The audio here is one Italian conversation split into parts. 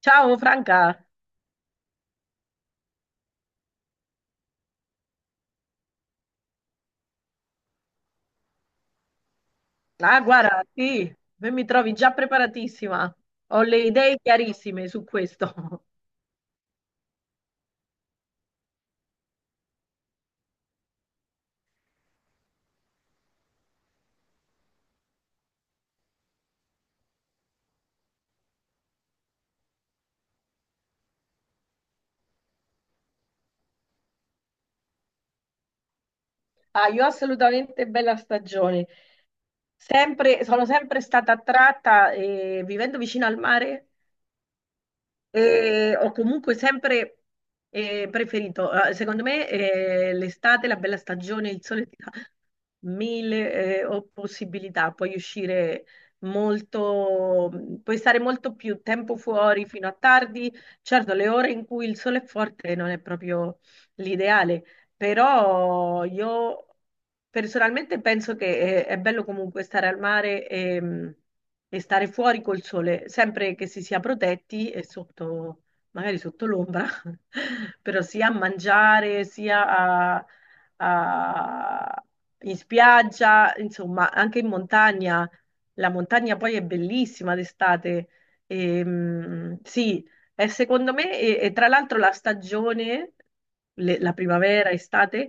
Ciao Franca, ah guarda, sì, me mi trovi già preparatissima, ho le idee chiarissime su questo. Ah, io assolutamente bella stagione, sempre, sono sempre stata attratta, vivendo vicino al mare. E ho comunque sempre preferito, secondo me, l'estate, la bella stagione, il sole ti dà mille possibilità, puoi uscire molto, puoi stare molto più tempo fuori fino a tardi. Certo, le ore in cui il sole è forte non è proprio l'ideale, però io personalmente penso che è bello comunque stare al mare e, e stare fuori col sole, sempre che si sia protetti e sotto, magari sotto l'ombra, però sia a mangiare, a- in spiaggia, insomma, anche in montagna. La montagna poi è bellissima d'estate. Sì, è secondo me, e tra l'altro la stagione, la primavera, estate,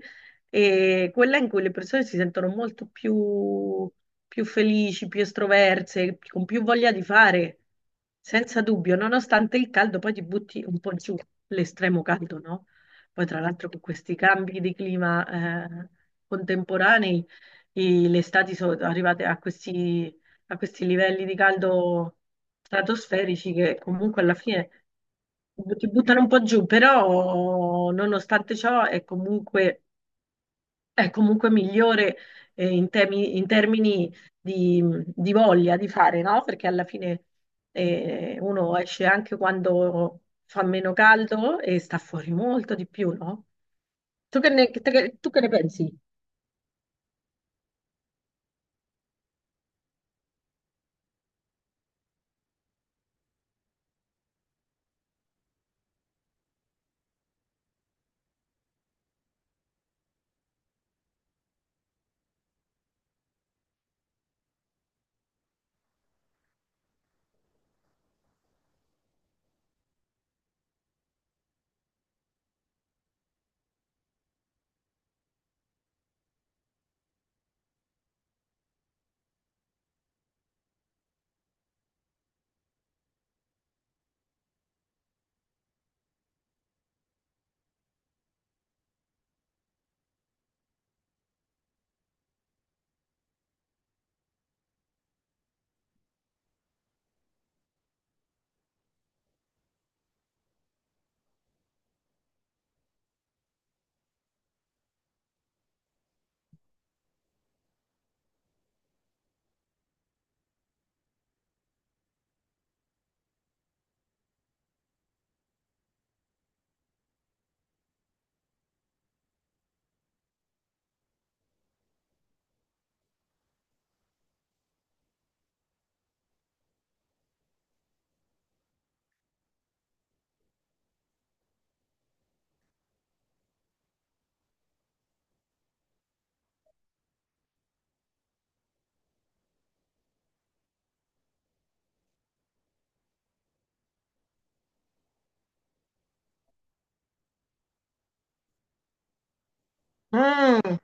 è quella in cui le persone si sentono più felici, più estroverse, con più voglia di fare, senza dubbio, nonostante il caldo, poi ti butti un po' giù l'estremo caldo, no? Poi tra l'altro con questi cambi di clima contemporanei, le estati sono arrivate a questi livelli di caldo stratosferici che comunque alla fine ti buttano un po' giù, però nonostante ciò è comunque migliore eh, in termini di voglia di fare, no? Perché alla fine uno esce anche quando fa meno caldo e sta fuori molto di più, no? Tu che ne pensi? Mm.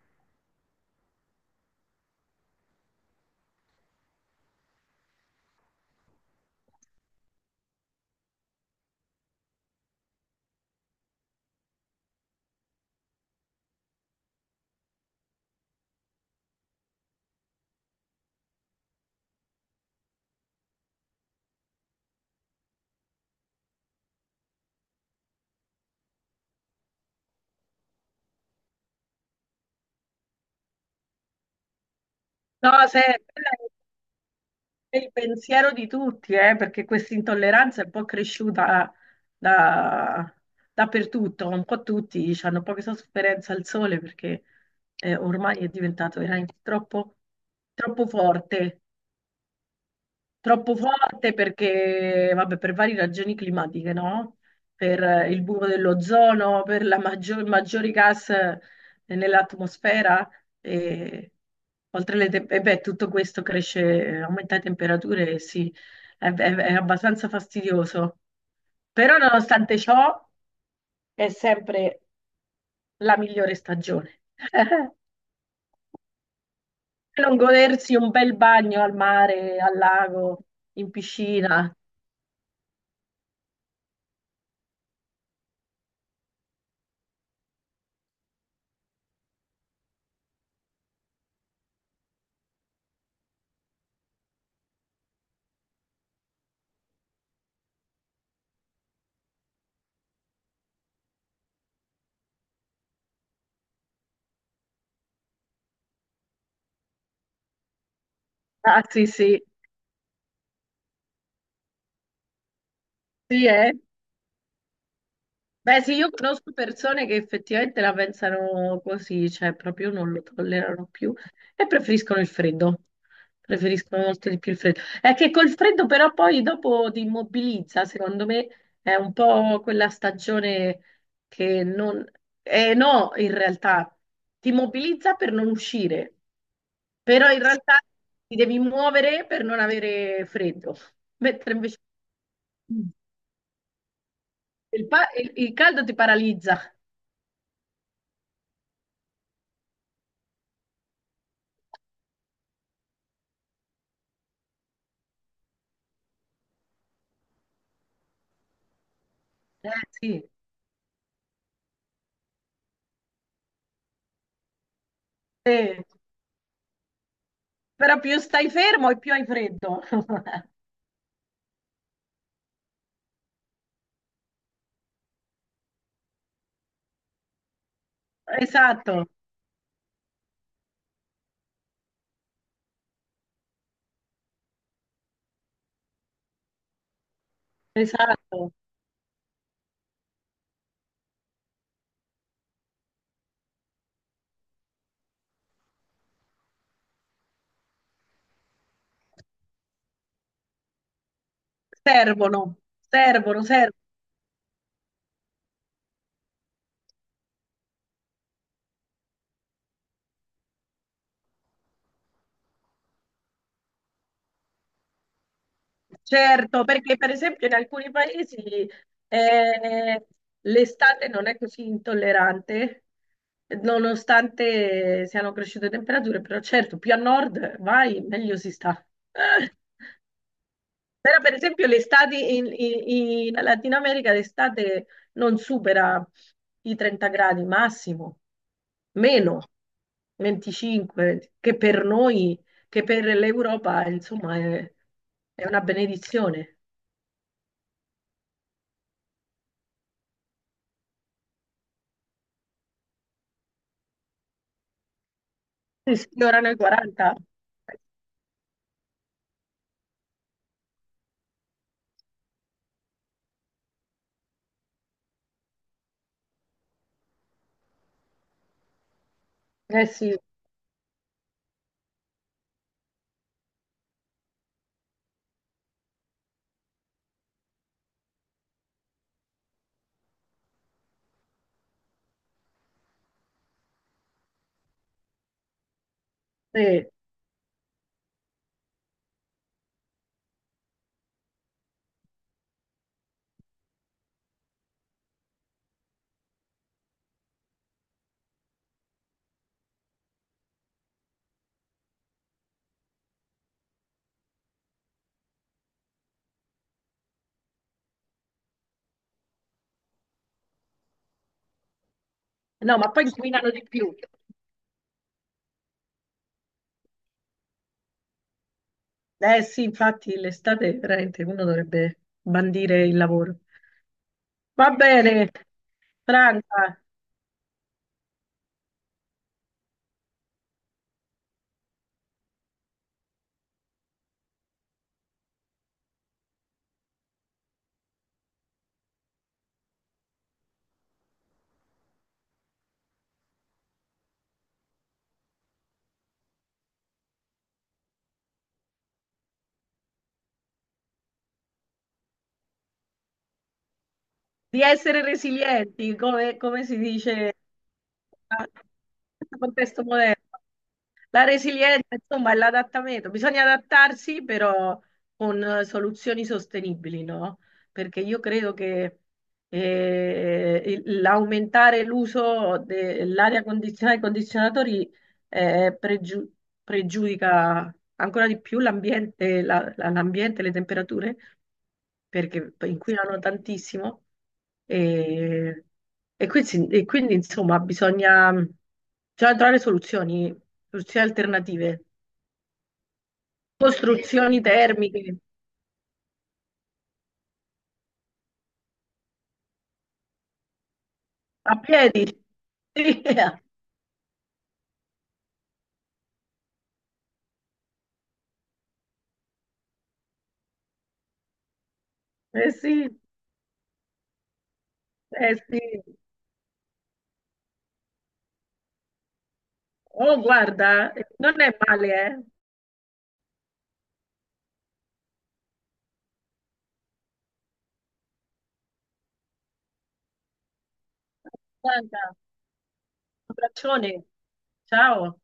No, se, è il pensiero di tutti, perché questa intolleranza è un po' cresciuta da- dappertutto, un po' tutti hanno poca sofferenza al sole perché ormai è diventato veramente troppo forte. Troppo forte perché, vabbè, per varie ragioni climatiche, no? Per il buco dell'ozono, per la maggiori gas nell'atmosfera e e beh, tutto questo cresce, aumenta le temperature, e sì, è abbastanza fastidioso. Però nonostante ciò è sempre la migliore stagione. Non godersi un bel bagno al mare, al lago, in piscina. Ah, sì, sì. Sì, eh. Beh, sì, io conosco persone che effettivamente la pensano così, cioè proprio non lo tollerano più e preferiscono il freddo. Preferiscono molto di più il freddo. È che col freddo però poi dopo ti immobilizza, secondo me è un po' quella stagione che non... Eh no, in realtà ti immobilizza per non uscire, però in realtà ti devi muovere per non avere freddo, mentre invece il, pa- il caldo ti paralizza. Eh, sì, sì. Però più stai fermo e più hai freddo. Esatto, esatto. Servono, servono, servono. Certo, perché per esempio in alcuni paesi eh, l'estate non è così intollerante, nonostante siano cresciute temperature, però certo, più a nord vai, meglio si sta. Però per esempio l'estate in Latino America l'estate non supera i 30 gradi massimo, meno 25, che per l'Europa, insomma, è una benedizione. Si sfiorano i 40. Eh sì, sì. No, ma poi inquinano di più. Eh sì, infatti l'estate veramente uno dovrebbe bandire il lavoro. Va bene, Franca, di essere resilienti, come, come si dice in questo contesto moderno. La resilienza, insomma, è l'adattamento. Bisogna adattarsi, però con soluzioni sostenibili, no? Perché io credo che l'aumentare l'uso dell'aria condizionata e condizionatori eh, pregiu- pregiudica ancora di più l'ambiente, l'ambiente, le temperature, perché inquinano tantissimo. E, e quindi, insomma, bisogna trovare soluzioni alternative, costruzioni termiche a piedi. Sì, sì, eh sì. Oh, guarda, non è male, eh. Guarda, un abbraccione. Ciao.